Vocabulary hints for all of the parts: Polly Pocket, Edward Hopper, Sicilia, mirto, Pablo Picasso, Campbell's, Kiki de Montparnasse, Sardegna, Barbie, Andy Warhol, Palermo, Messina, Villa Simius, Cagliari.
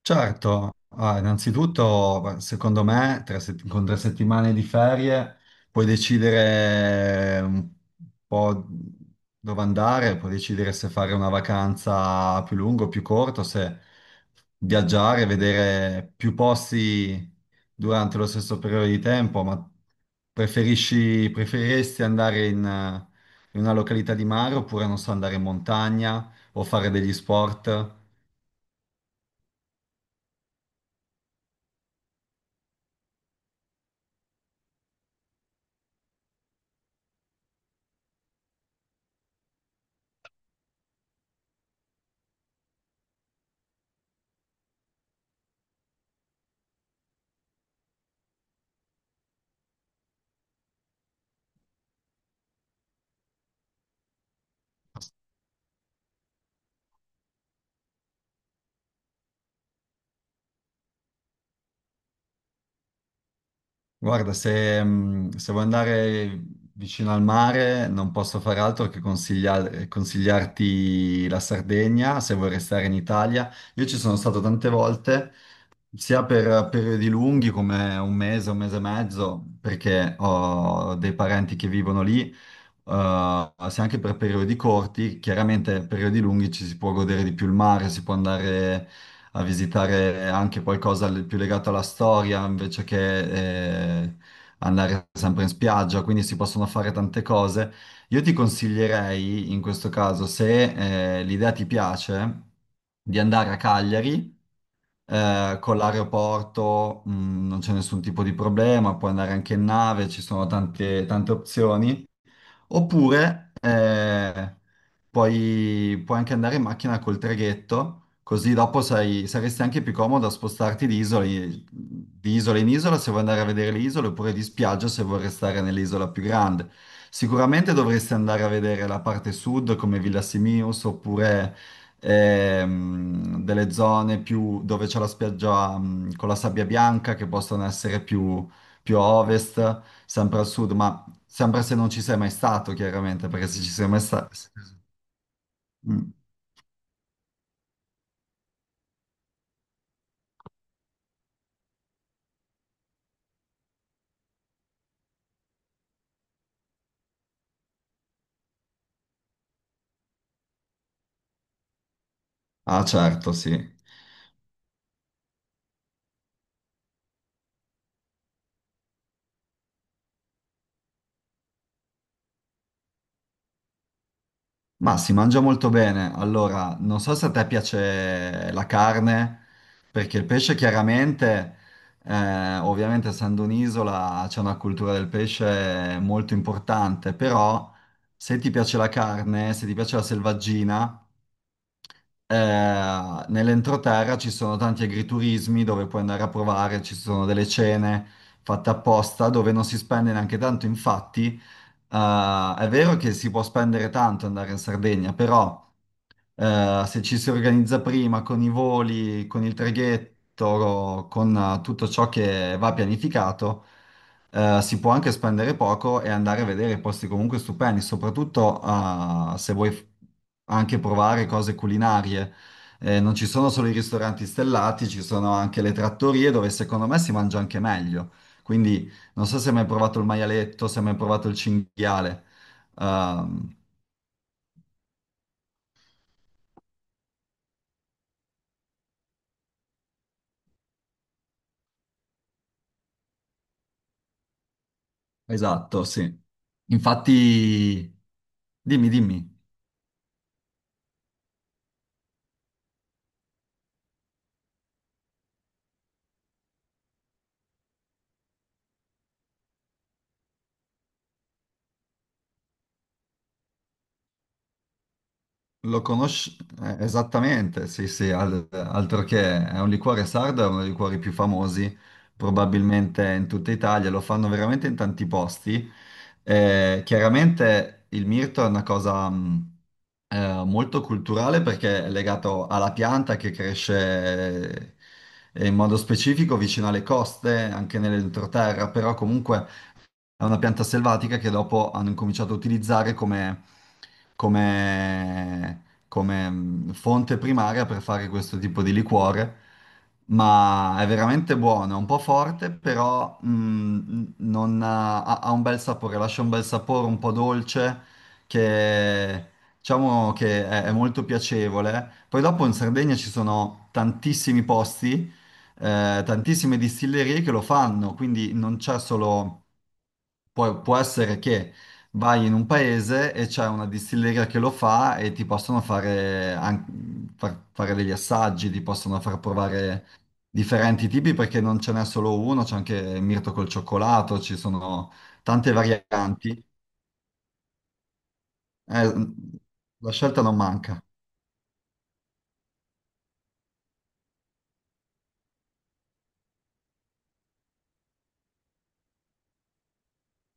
Certo, innanzitutto beh, secondo me con tre settimane di ferie puoi decidere un po' dove andare, puoi decidere se fare una vacanza più lunga o più corta, o se viaggiare, vedere più posti durante lo stesso periodo di tempo, ma preferiresti andare in una località di mare oppure non so, andare in montagna o fare degli sport? Guarda, se vuoi andare vicino al mare, non posso fare altro che consigliarti la Sardegna, se vuoi restare in Italia. Io ci sono stato tante volte sia per periodi lunghi come un mese e mezzo, perché ho dei parenti che vivono lì, sia anche per periodi corti. Chiaramente periodi lunghi ci si può godere di più il mare, si può andare a visitare anche più legato alla storia invece che andare sempre in spiaggia, quindi si possono fare tante cose. Io ti consiglierei in questo caso, se l'idea ti piace, di andare a Cagliari. Con l'aeroporto non c'è nessun tipo di problema, puoi andare anche in nave, ci sono tante opzioni. Oppure puoi anche andare in macchina col traghetto, così dopo saresti anche più comodo a spostarti di di isola in isola se vuoi andare a vedere le isole, oppure di spiaggia se vuoi restare nell'isola più grande. Sicuramente dovresti andare a vedere la parte sud come Villa Simius, oppure delle zone più dove c'è la spiaggia con la sabbia bianca, che possono essere più a ovest, sempre al sud, ma sempre se non ci sei mai stato, chiaramente, perché se ci sei mai stato... Ah, certo, sì. Ma si mangia molto bene. Allora, non so se a te piace la carne, perché il pesce chiaramente, ovviamente essendo un'isola c'è una cultura del pesce molto importante. Però se ti piace la carne, se ti piace la selvaggina, nell'entroterra ci sono tanti agriturismi dove puoi andare a provare, ci sono delle cene fatte apposta dove non si spende neanche tanto, infatti. È vero che si può spendere tanto andare in Sardegna, però se ci si organizza prima con i voli, con il traghetto, con tutto ciò che va pianificato, si può anche spendere poco e andare a vedere posti comunque stupendi, soprattutto se vuoi f- anche provare cose culinarie. Non ci sono solo i ristoranti stellati, ci sono anche le trattorie dove secondo me si mangia anche meglio. Quindi non so se hai mai provato il maialetto, se hai mai provato il cinghiale. Ehm, Esatto, sì. Infatti, dimmi, dimmi, lo conosci esattamente? Sì, sì, altro che, è un liquore sardo, è uno dei liquori più famosi probabilmente in tutta Italia, lo fanno veramente in tanti posti. Chiaramente il mirto è una cosa molto culturale, perché è legato alla pianta che cresce in modo specifico vicino alle coste, anche nell'entroterra, però comunque... È una pianta selvatica che dopo hanno incominciato a utilizzare come- come fonte primaria per fare questo tipo di liquore. Ma è veramente buono, è un po' forte, però non ha, ha- ha un bel sapore, lascia un bel sapore un po' dolce, che diciamo che è molto piacevole. Poi dopo in Sardegna ci sono tantissimi posti, tantissime distillerie che lo fanno, quindi non c'è solo... Poi può essere che vai in un paese e c'è una distilleria che lo fa e ti possono fare degli assaggi, ti possono far provare differenti tipi, perché non ce n'è solo uno, c'è anche il mirto col cioccolato, ci sono tante varianti. Eh, la scelta non manca.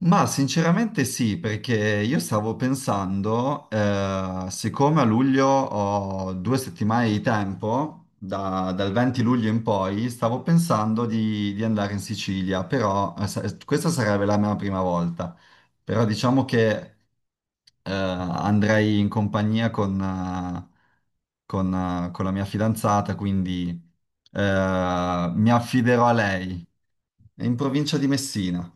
Ma sinceramente sì, perché io stavo pensando, siccome a luglio ho due settimane di tempo, dal 20 luglio in poi, stavo pensando di andare in Sicilia, però questa sarebbe la mia prima volta. Però diciamo che andrei in compagnia con, con la mia fidanzata, quindi mi affiderò a lei. È in provincia di Messina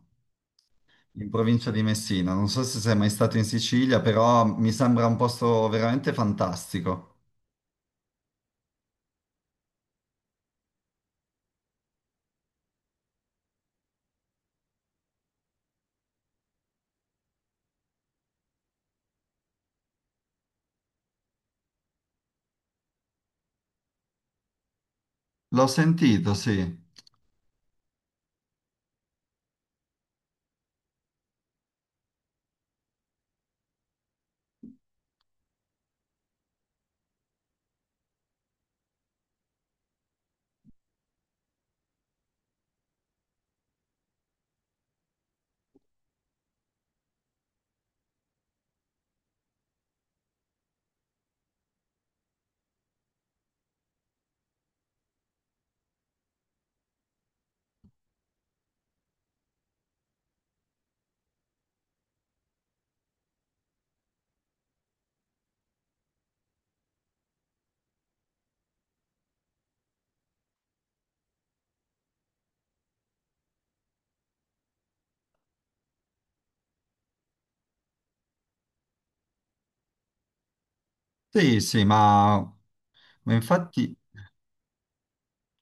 in provincia di Messina. Non so se sei mai stato in Sicilia, però mi sembra un posto veramente fantastico. L'ho sentito, sì. Sì, sì, infatti,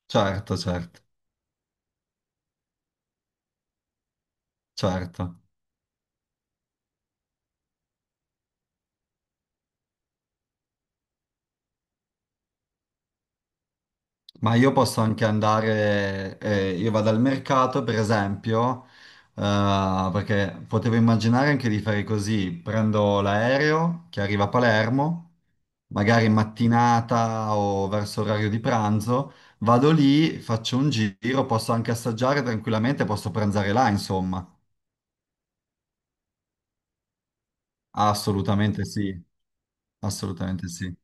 certo, certo, certo. Ma io posso anche andare, io vado al mercato per esempio, perché potevo immaginare anche di fare così: prendo l'aereo che arriva a Palermo, magari in mattinata o verso orario di pranzo, vado lì, faccio un giro, posso anche assaggiare tranquillamente, posso pranzare là, insomma. Assolutamente sì, assolutamente sì.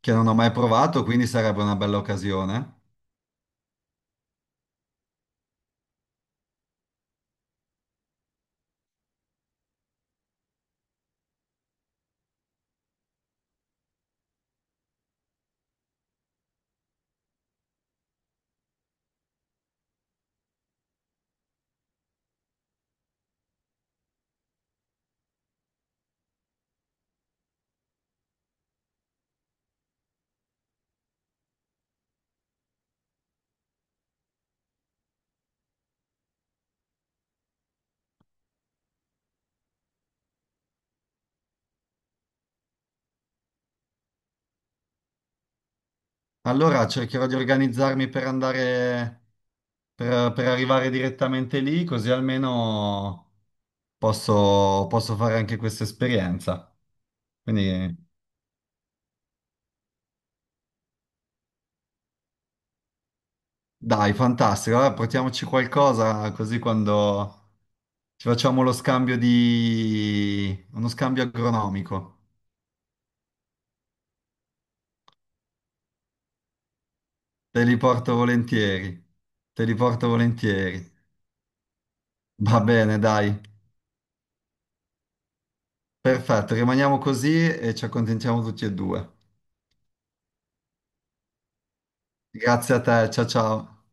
Che non ho mai provato, quindi sarebbe una bella occasione. Allora cercherò di organizzarmi per andare per arrivare direttamente lì, così almeno posso fare anche questa esperienza. Quindi dai, fantastico. Allora, portiamoci qualcosa così quando ci facciamo lo scambio di... uno scambio agronomico. Te li porto volentieri. Te li porto volentieri. Va bene, dai. Perfetto, rimaniamo così e ci accontentiamo tutti e due. Grazie a te, ciao ciao.